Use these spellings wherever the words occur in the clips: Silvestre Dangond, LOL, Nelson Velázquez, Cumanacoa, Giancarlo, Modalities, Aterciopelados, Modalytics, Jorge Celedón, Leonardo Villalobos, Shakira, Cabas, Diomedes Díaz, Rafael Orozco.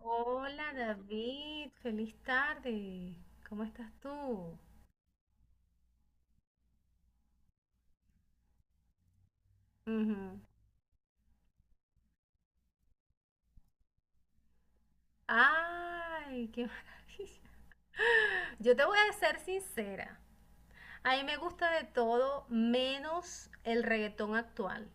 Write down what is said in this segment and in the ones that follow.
Hola David, feliz tarde. ¿Cómo estás tú? Ujú. Ay, qué maravilla. Yo te voy a ser sincera. A mí me gusta de todo menos el reggaetón actual.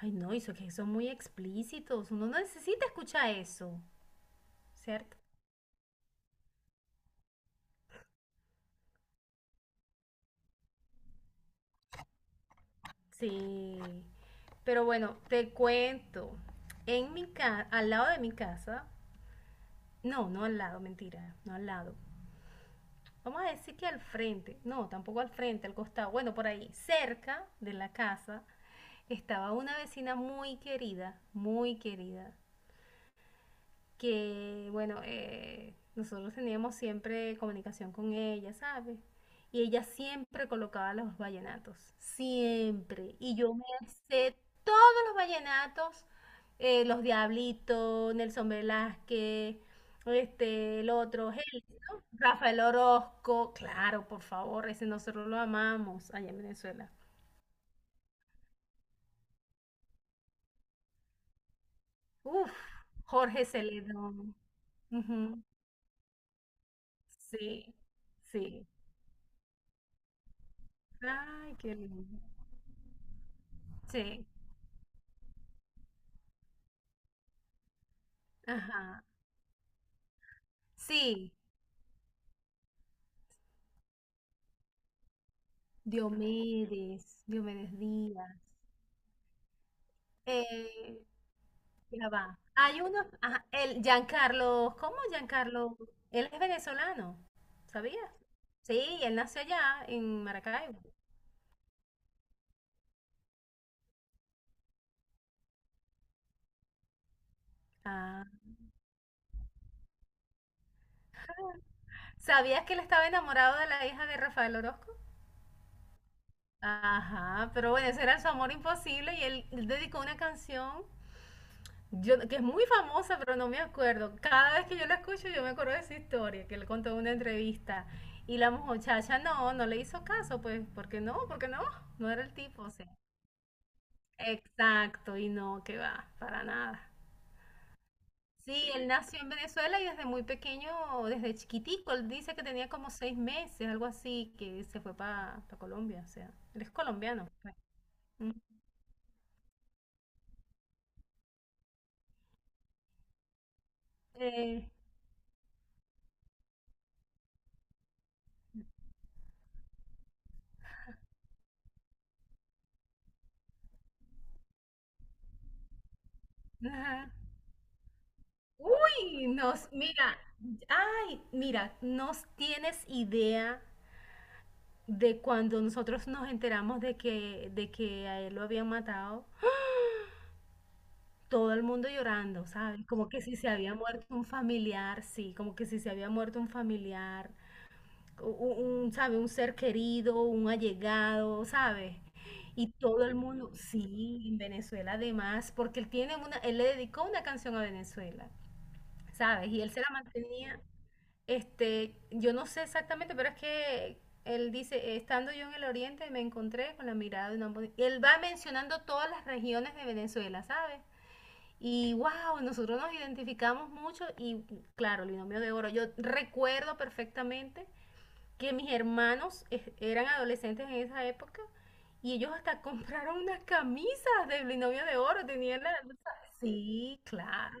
Ay, no, eso que son muy explícitos. Uno no necesita escuchar eso, ¿cierto? Sí. Pero bueno, te cuento. En mi casa, al lado de mi casa, no, no al lado, mentira, no al lado. Vamos a decir que al frente, no, tampoco al frente, al costado, bueno, por ahí, cerca de la casa, estaba una vecina muy querida que bueno, nosotros teníamos siempre comunicación con ella, ¿sabes? Y ella siempre colocaba los vallenatos, siempre. Y yo me sé todos los vallenatos, los Diablitos, Nelson Velázquez, este, el otro, Helio, ¿no? Rafael Orozco, claro, por favor, ese nosotros lo amamos allá en Venezuela. Uf, Jorge Celedón. Ujú, sí, sí. Ay, qué lindo. Sí, ajá. Sí, Diomedes Díaz. Eh, ya va. Hay uno, ajá, el Giancarlo, ¿cómo Giancarlo? Él es venezolano, ¿sabías? Sí, él nació allá en Maracaibo. Ah, ¿sabías que él estaba enamorado de la hija de Rafael Orozco? Ajá, pero bueno, ese era su amor imposible y él dedicó una canción que es muy famosa, pero no me acuerdo. Cada vez que yo la escucho, yo me acuerdo de esa historia, que le contó en una entrevista. Y la muchacha no le hizo caso, pues, ¿por qué no? ¿Por qué no? No era el tipo, o sea. Exacto, y no, que va, para nada. Sí, él nació en Venezuela y desde muy pequeño, desde chiquitico, él dice que tenía como 6 meses, algo así, que se fue para Colombia, o sea, él es colombiano, pues. Mm. Eh, Uy, mira, ay, mira, no tienes idea de cuando nosotros nos enteramos de que a él lo habían matado, todo el mundo llorando, ¿sabes? Como que si se había muerto un familiar, sí, como que si se había muerto un familiar, u- u- un, ¿sabe? Un ser querido, un allegado, ¿sabes? Y todo el mundo, sí, en Venezuela además, porque él le dedicó una canción a Venezuela, ¿sabes? Y él se la mantenía. Este, yo no sé exactamente, pero es que él dice, estando yo en el oriente me encontré con la mirada de una mujer". Y él va mencionando todas las regiones de Venezuela, ¿sabes? Y wow, nosotros nos identificamos mucho y claro, el Binomio de Oro. Yo recuerdo perfectamente que mis hermanos eran adolescentes en esa época y ellos hasta compraron unas camisas del Binomio de Oro, tenían la... Sí, claro,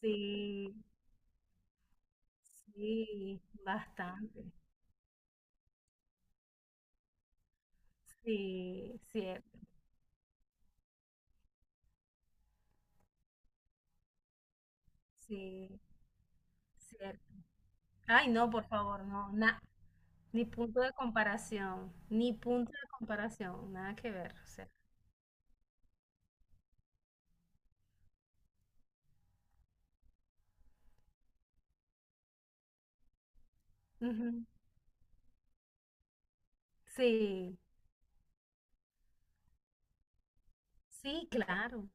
sí, sí, bastante. Sí, cierto, sí, cierto. Ay, no, por favor, no, ni punto de comparación, ni punto de comparación, nada que ver, o sea. Ujú. Sí, sí, claro.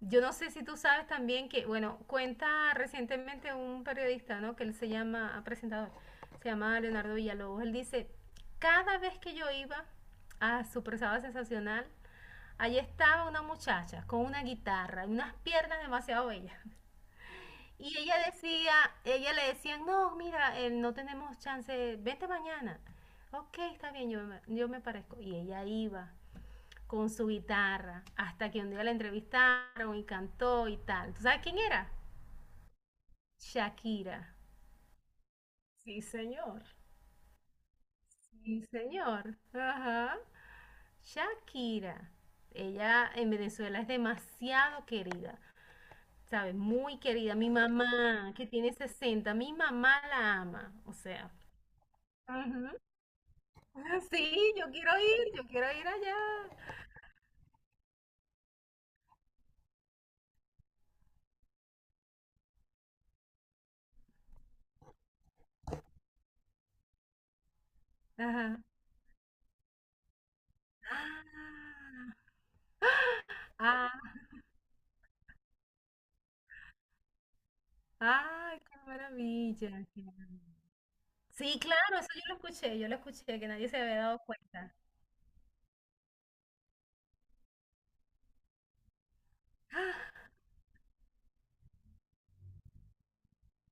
Yo no sé si tú sabes también que, bueno, cuenta recientemente un periodista, ¿no? Que él se llama, presentador, se llama Leonardo Villalobos. Él dice, cada vez que yo iba a su presada sensacional, allí estaba una muchacha con una guitarra y unas piernas demasiado bellas. Y ella le decían, no, mira, no tenemos chance, vente mañana. Ok, está bien, yo me parezco. Y ella iba con su guitarra hasta que un día la entrevistaron y cantó y tal. ¿Tú sabes quién era? Shakira. Sí, señor. Sí, señor. Ajá. Shakira. Ella en Venezuela es demasiado querida, ¿sabes? Muy querida. Mi mamá, que tiene 60, mi mamá la ama. O sea. Ujú. Ah, sí, yo quiero ir allá. Ajá. Ah, ah, ay, qué maravilla, qué maravilla. Sí, claro, eso yo lo escuché, que nadie se había dado cuenta. ¡Ah!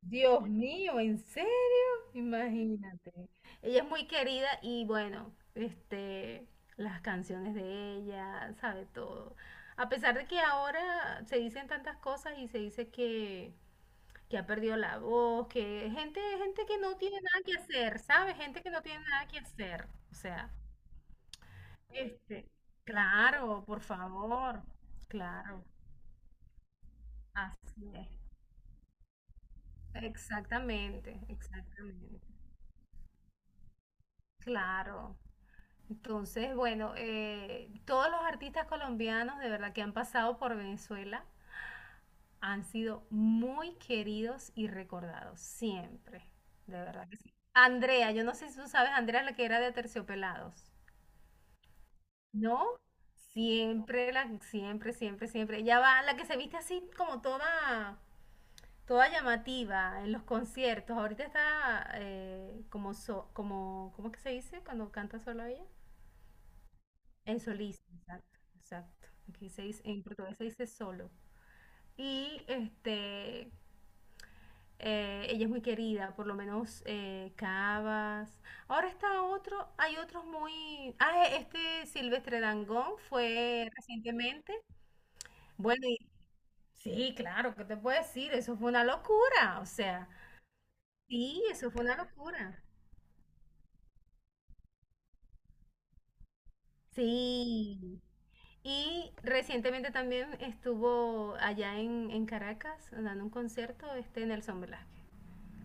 Dios mío, ¿en serio? Imagínate. Ella es muy querida y bueno, este, las canciones de ella, sabe todo. A pesar de que ahora se dicen tantas cosas y se dice que ha perdido la voz, que gente, gente que no tiene nada que hacer, ¿sabes? Gente que no tiene nada que hacer. O sea, este, claro, por favor, claro, así es. Exactamente, exactamente. Claro. Entonces, bueno, todos los artistas colombianos de verdad que han pasado por Venezuela han sido muy queridos y recordados, siempre. De verdad que sí. Andrea, yo no sé si tú sabes, Andrea, la que era de Aterciopelados. ¿No? Siempre, siempre, siempre, siempre. Ella va, la que se viste así como toda, toda llamativa en los conciertos. Ahorita está como, ¿cómo es que se dice cuando canta solo ella? En solista, exacto, exacto. Aquí se dice, en portugués se dice solo. Y este, ella es muy querida, por lo menos Cabas. Ahora está otro, hay otros muy... Ah, este Silvestre Dangond fue recientemente. Bueno, sí, claro, ¿qué te puedo decir? Eso fue una locura, o sea, sí, eso fue una locura. Sí. Y recientemente también estuvo allá en Caracas dando un concierto este Nelson Velázquez.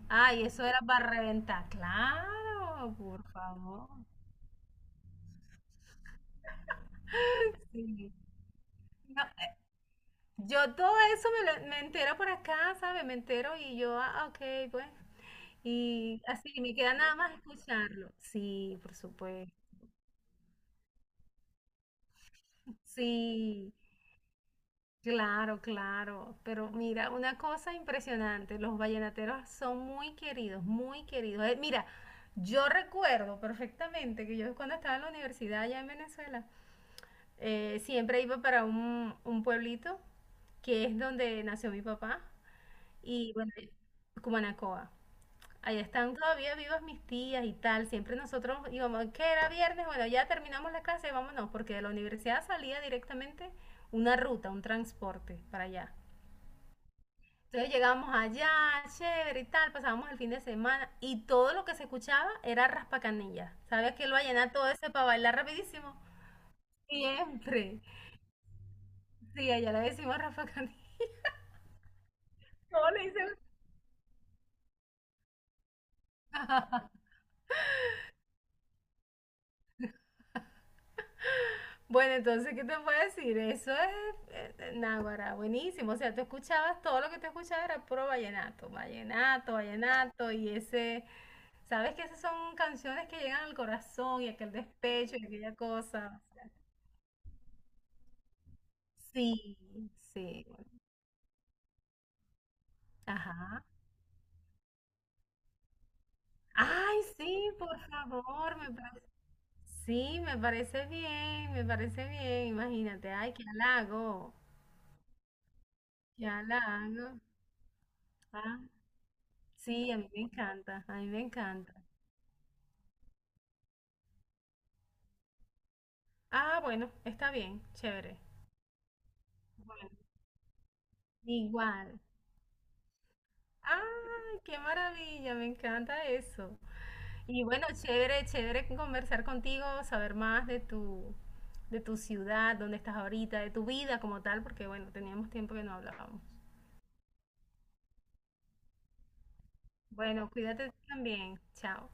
Ay, eso era para reventar, claro, por favor. Sí. No, yo todo eso me entero por acá, ¿sabes? Me entero y yo, ah, ok, pues. Y así me queda nada más escucharlo. Sí, por supuesto. Sí. Claro, claro, pero mira, una cosa impresionante, los vallenateros son muy queridos, muy queridos. Mira, yo recuerdo perfectamente que yo cuando estaba en la universidad allá en Venezuela, siempre iba para un pueblito que es donde nació mi papá y bueno, Cumanacoa. Allá están todavía vivas mis tías y tal, siempre nosotros íbamos, que era viernes, bueno, ya terminamos la clase, vámonos, porque de la universidad salía directamente una ruta, un transporte para allá. Entonces llegábamos allá, chévere y tal, pasábamos el fin de semana y todo lo que se escuchaba era raspacanilla. ¿Sabes que lo va a llenar todo ese para bailar rapidísimo? Siempre. Sí, allá le decimos raspacanilla. ¿Cómo le dicen? Bueno, entonces, ¿qué te puedo decir? Eso es náguara, buenísimo. O sea, tú escuchabas, todo lo que te escuchaba era puro vallenato, vallenato, vallenato y ese... ¿Sabes que esas son canciones que llegan al corazón y aquel despecho y aquella cosa? Sí, sí. Ajá. Ay, sí, por favor, me parece, sí, me parece bien, imagínate, ay, qué halago, qué halago. Ah, sí, a mí me encanta, a mí me encanta. Ah, bueno, está bien, chévere. Bueno, igual. Ay, qué maravilla, me encanta eso. Y bueno, chévere, chévere conversar contigo, saber más de tu, ciudad, dónde estás ahorita, de tu vida como tal, porque bueno, teníamos tiempo que no hablábamos. Bueno, cuídate tú también. Chao.